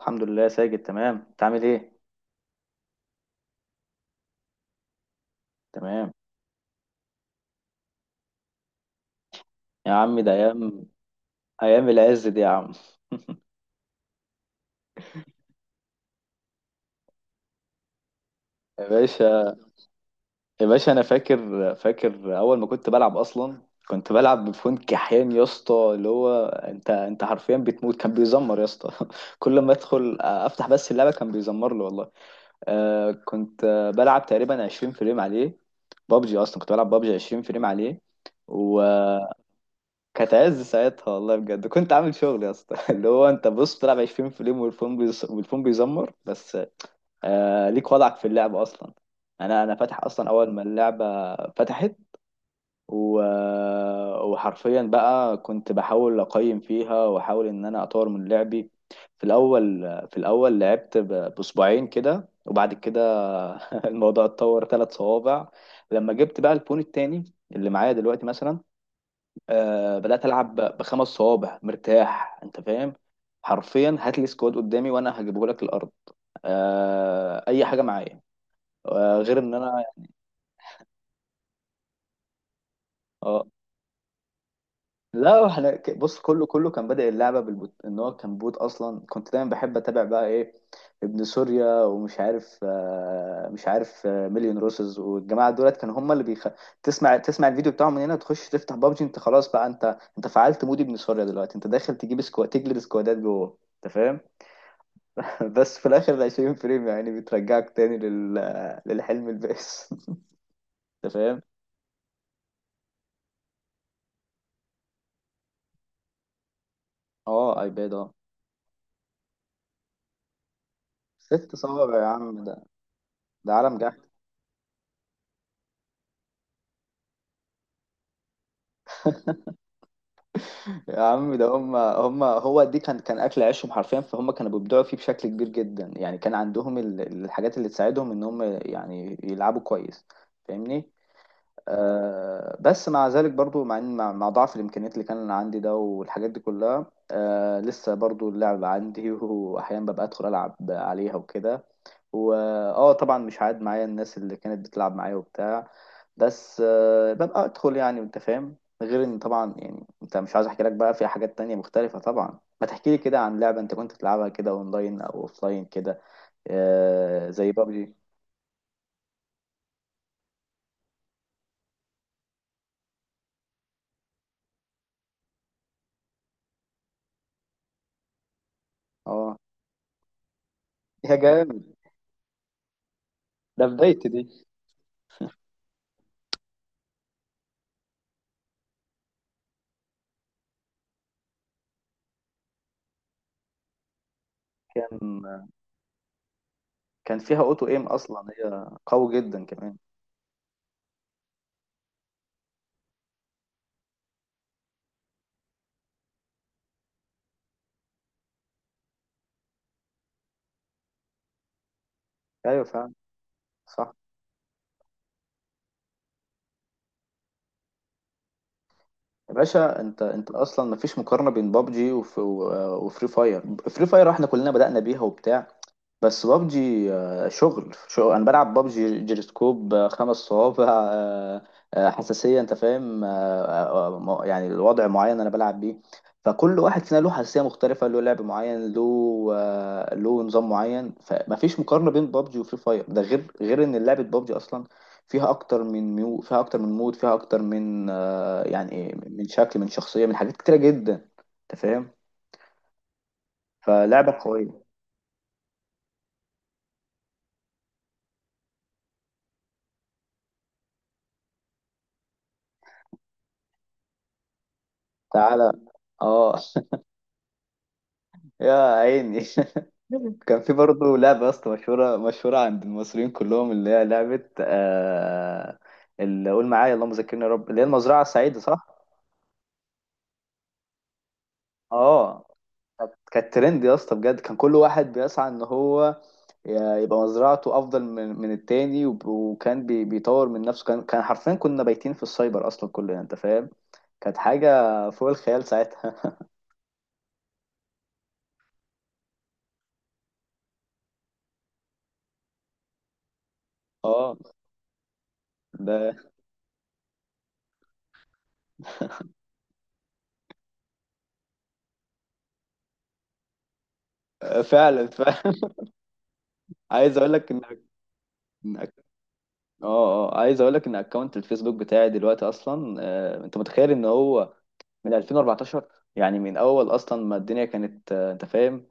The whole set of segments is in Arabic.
الحمد لله ساجد، تمام. انت عامل ايه؟ تمام. يا عم ده ايام، ايام العز دي يا عم. يا باشا، يا باشا انا فاكر، اول ما كنت بلعب اصلا كنت بلعب بفون كحيان يا اسطى، اللي هو انت حرفيا بتموت كان بيزمر يا اسطى. كل ما ادخل افتح بس اللعبه كان بيزمر لي والله. آه كنت بلعب تقريبا 20 فريم عليه. بابجي اصلا كنت بلعب بابجي 20 فريم عليه. كانت عز ساعتها والله بجد، كنت عامل شغل يا اسطى. اللي هو انت بص بتلعب 20 فريم والفون والفون بيزمر بس. آه ليك وضعك في اللعب اصلا. انا فاتح اصلا اول ما اللعبه فتحت و... وحرفيا بقى كنت بحاول اقيم فيها واحاول ان انا اطور من لعبي. في الاول، في الاول لعبت ب... باسبوعين كده، وبعد كده الموضوع اتطور 3 صوابع. لما جبت بقى الفون التاني اللي معايا دلوقتي مثلا، آه بدات العب بخمس صوابع مرتاح، انت فاهم؟ حرفيا هات لي سكواد قدامي وانا هجيبه لك الارض. آه اي حاجه معايا، آه غير ان انا. اه لا احنا بص، كله كان بادئ اللعبه بالبوت، ان هو كان بوت اصلا. كنت دايما بحب اتابع بقى ايه، ابن سوريا ومش عارف آه، مش عارف آه، مليون روسز والجماعه دولت، كانوا هم تسمع، تسمع الفيديو بتاعهم من هنا، تخش تفتح بابجي انت خلاص بقى، انت فعلت مود ابن سوريا. دلوقتي انت داخل تجيب سكواد تجلد سكوادات جوه، انت فاهم؟ بس في الاخر ال 20 فريم يعني بترجعك تاني للحلم البائس. انت فاهم؟ اه ايباد اه. 6 صوابع يا عم، ده ده عالم جحد. يا عم ده هم هو دي، كان اكل عيشهم حرفيا، فهم كانوا بيبدعوا فيه بشكل كبير جدا. يعني كان عندهم الحاجات اللي تساعدهم ان هم يعني يلعبوا كويس. فاهمني؟ آه، بس مع ذلك برضو مع ضعف الامكانيات اللي كان عندي ده والحاجات دي كلها، آه لسه برضو اللعب عندي. واحيانا ببقى ادخل العب عليها وكده، واه طبعا مش عاد معايا الناس اللي كانت بتلعب معايا وبتاع. بس ببقى ادخل يعني، انت فاهم؟ غير ان طبعا، يعني انت مش عايز احكي لك بقى في حاجات تانية مختلفة. طبعا ما تحكي لي كده عن لعبة انت كنت بتلعبها كده اونلاين او اوفلاين كده. آه زي بابجي. اه يا جامد. ده بدايتي دي. كان كان فيها اوتو ايم اصلا، هي قوي جدا كمان. ايوه فعلا. صح. يا باشا، انت اصلا مفيش مقارنه بين بابجي وفري فاير. فري فاير احنا كلنا بدأنا بيها وبتاع، بس بابجي، شغل. انا بلعب بابجي جيروسكوب، 5 صوابع، آه، حساسيه، انت فاهم؟ يعني الوضع معين انا بلعب بيه. فكل واحد فينا له حساسيه مختلفه، له لعب معين له له نظام معين. فمفيش مقارنه بين بابجي وفري فاير، ده غير ان لعبه بابجي اصلا فيها اكتر من ميو، فيها اكتر من مود، فيها اكتر من آه، يعني إيه، من شكل، من شخصيه، من حاجات كتيره جدا. انت فاهم؟ فلعبه قويه. تعالى. اه. يا عيني. كان في برضه لعبة يا اسطى، مشهورة عند المصريين كلهم، اللي هي لعبة آه، اللي قول معايا اللهم ذكرني يا رب، اللي هي المزرعة السعيدة، صح؟ اه. كانت ترند يا اسطى بجد. كان كل واحد بيسعى ان هو يبقى مزرعته افضل من التاني، بيطور من نفسه. كان حرفيا كنا بايتين في السايبر اصلا كلنا، انت فاهم؟ كانت حاجة فوق الخيال ساعتها. اه. ده فعلا، فعلا. عايز اقول لك ان اه. اه عايز اقول لك ان اكونت الفيسبوك بتاعي دلوقتي اصلا، انت متخيل ان هو من 2014، يعني من اول اصلا ما الدنيا كانت، انت فاهم؟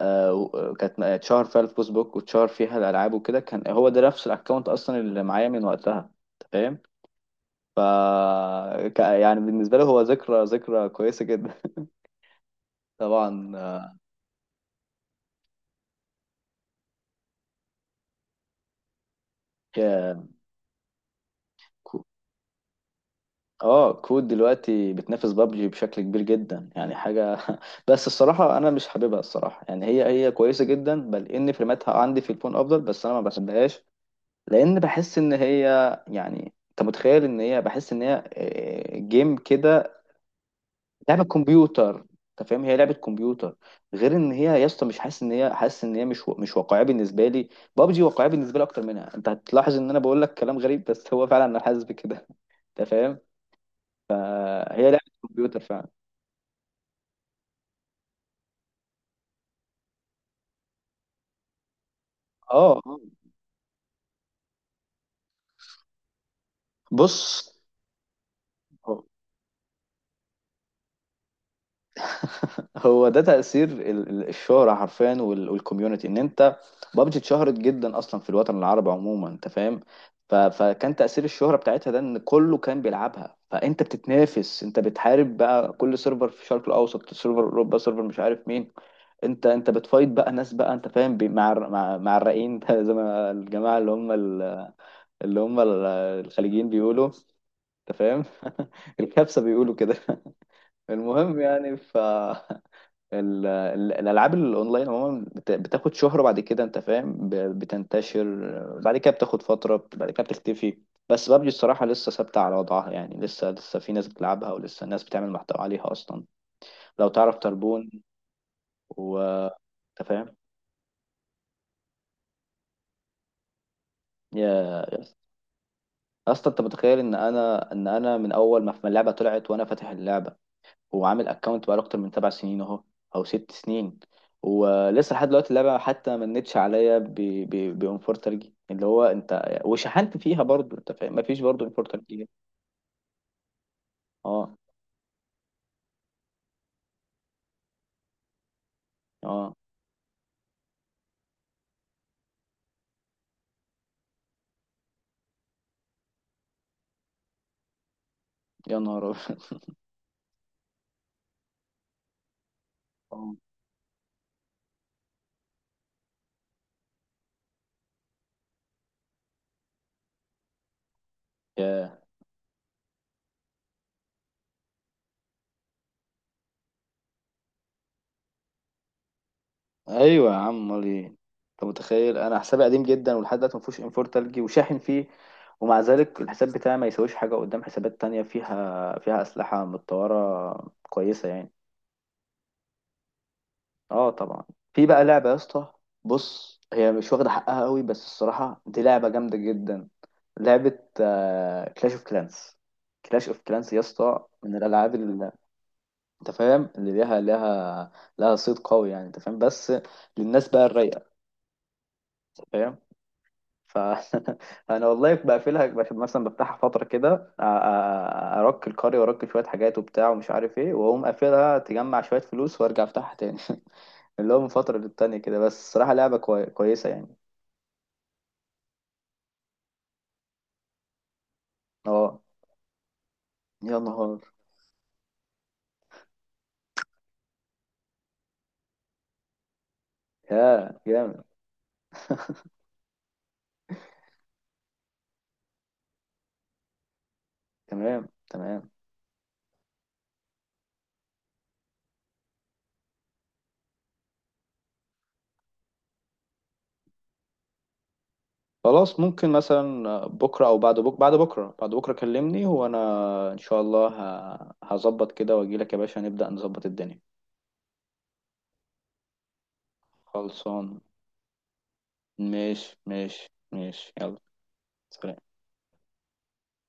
اتشهر فيها الفيسبوك واتشهر فيها الالعاب وكده، كان هو ده نفس الاكونت اصلا اللي معايا من وقتها، انت فاهم؟ ف يعني بالنسبه لي هو ذكرى، ذكرى كويسه جدا. طبعا. آه، اه كود دلوقتي بتنافس بابجي بشكل كبير جدا، يعني حاجه. بس الصراحه انا مش حاببها الصراحه، يعني هي كويسه جدا بل ان فريماتها عندي في الفون افضل، بس انا ما بحبهاش لان بحس ان هي، يعني انت متخيل ان هي، بحس ان هي جيم كده. لعبه كمبيوتر. انت فاهم، هي لعبه كمبيوتر. غير ان هي يا اسطى، مش حاسس ان هي، حاسس ان هي مش واقعيه بالنسبه لي. بابجي واقعيه بالنسبه لي اكتر منها. انت هتلاحظ ان انا بقول لك كلام غريب بس هو فعلا انا حاسس بكده، انت فاهم؟ هي لعبه كمبيوتر فعلا. اه آه. بص هو. هو ده تأثير الشهرة حرفيا، والكوميونتي، ان انت، بابجي اتشهرت جدا اصلا في الوطن العربي عموما، انت فاهم؟ فكان تأثير الشهرة بتاعتها ده، ان كله كان بيلعبها، فانت بتتنافس، انت بتحارب بقى كل سيرفر في الشرق الاوسط، سيرفر اوروبا، سيرفر مش عارف مين. انت بتفايت بقى ناس بقى، انت فاهم، مع الرقين. زي ما الجماعة اللي اللي الخليجيين بيقولوا، انت فاهم؟ الكبسة بيقولوا كده. المهم يعني ف. الالعاب الاونلاين عموما بتاخد شهرة بعد كده، انت فاهم؟ بتنتشر بعد كده، بتاخد فترة، بعد كده بتختفي. بس بابجي الصراحة لسه ثابتة على وضعها، يعني لسه، لسه في ناس بتلعبها، ولسه ناس بتعمل محتوى عليها اصلا لو تعرف تربون، و انت فاهم. يا اصلا انت متخيل ان انا من اول ما اللعبة طلعت وانا فاتح اللعبة، هو عامل اكونت بقاله اكتر من 7 سنين اهو، او 6 سنين، ولسه لحد دلوقتي اللعبه حتى ما منتش عليا بانفور ترجي، اللي هو انت وشحنت فيها برضو، انت فاهم؟ مفيش برضو انفور ترجي. اه. اه يا نهار أبيض. اه. ياه. ايوه يا عم، امال ايه؟ انت متخيل انا حسابي قديم جدا ولحد دلوقتي ما فيهوش انفور ترجي وشاحن فيه، ومع ذلك الحساب بتاعي ما يساويش حاجه قدام حسابات تانية فيها، فيها اسلحه متطوره كويسه يعني. اه طبعا. في بقى لعبة يا اسطى، بص هي مش واخدة حقها قوي بس الصراحة دي لعبة جامدة جدا. لعبة كلاش اوف كلانس. كلاش اوف كلانس يا اسطى من الالعاب اللي، انت فاهم، اللي ليها لها صيت قوي يعني، انت فاهم؟ بس للناس بقى الرايقة، انت فاهم. ف انا والله بقفلها، مثلا بفتحها فترة كده أ- أ- ارك القرية وارك شوية حاجات وبتاع ومش عارف ايه، واقوم قافلها تجمع شوية فلوس وارجع افتحها تاني. اللي هو من فترة للتانية كده، بس الصراحة لعبة كويسة يعني. اه يا نهار. يا جامد. تمام، تمام. خلاص ممكن مثلا بكرة أو بعد بكرة، بعد بكرة كلمني وأنا إن شاء الله هظبط كده وأجيلك يا باشا، نبدأ نظبط الدنيا. خلصان. ماشي، ماشي ماشي يلا. سلام.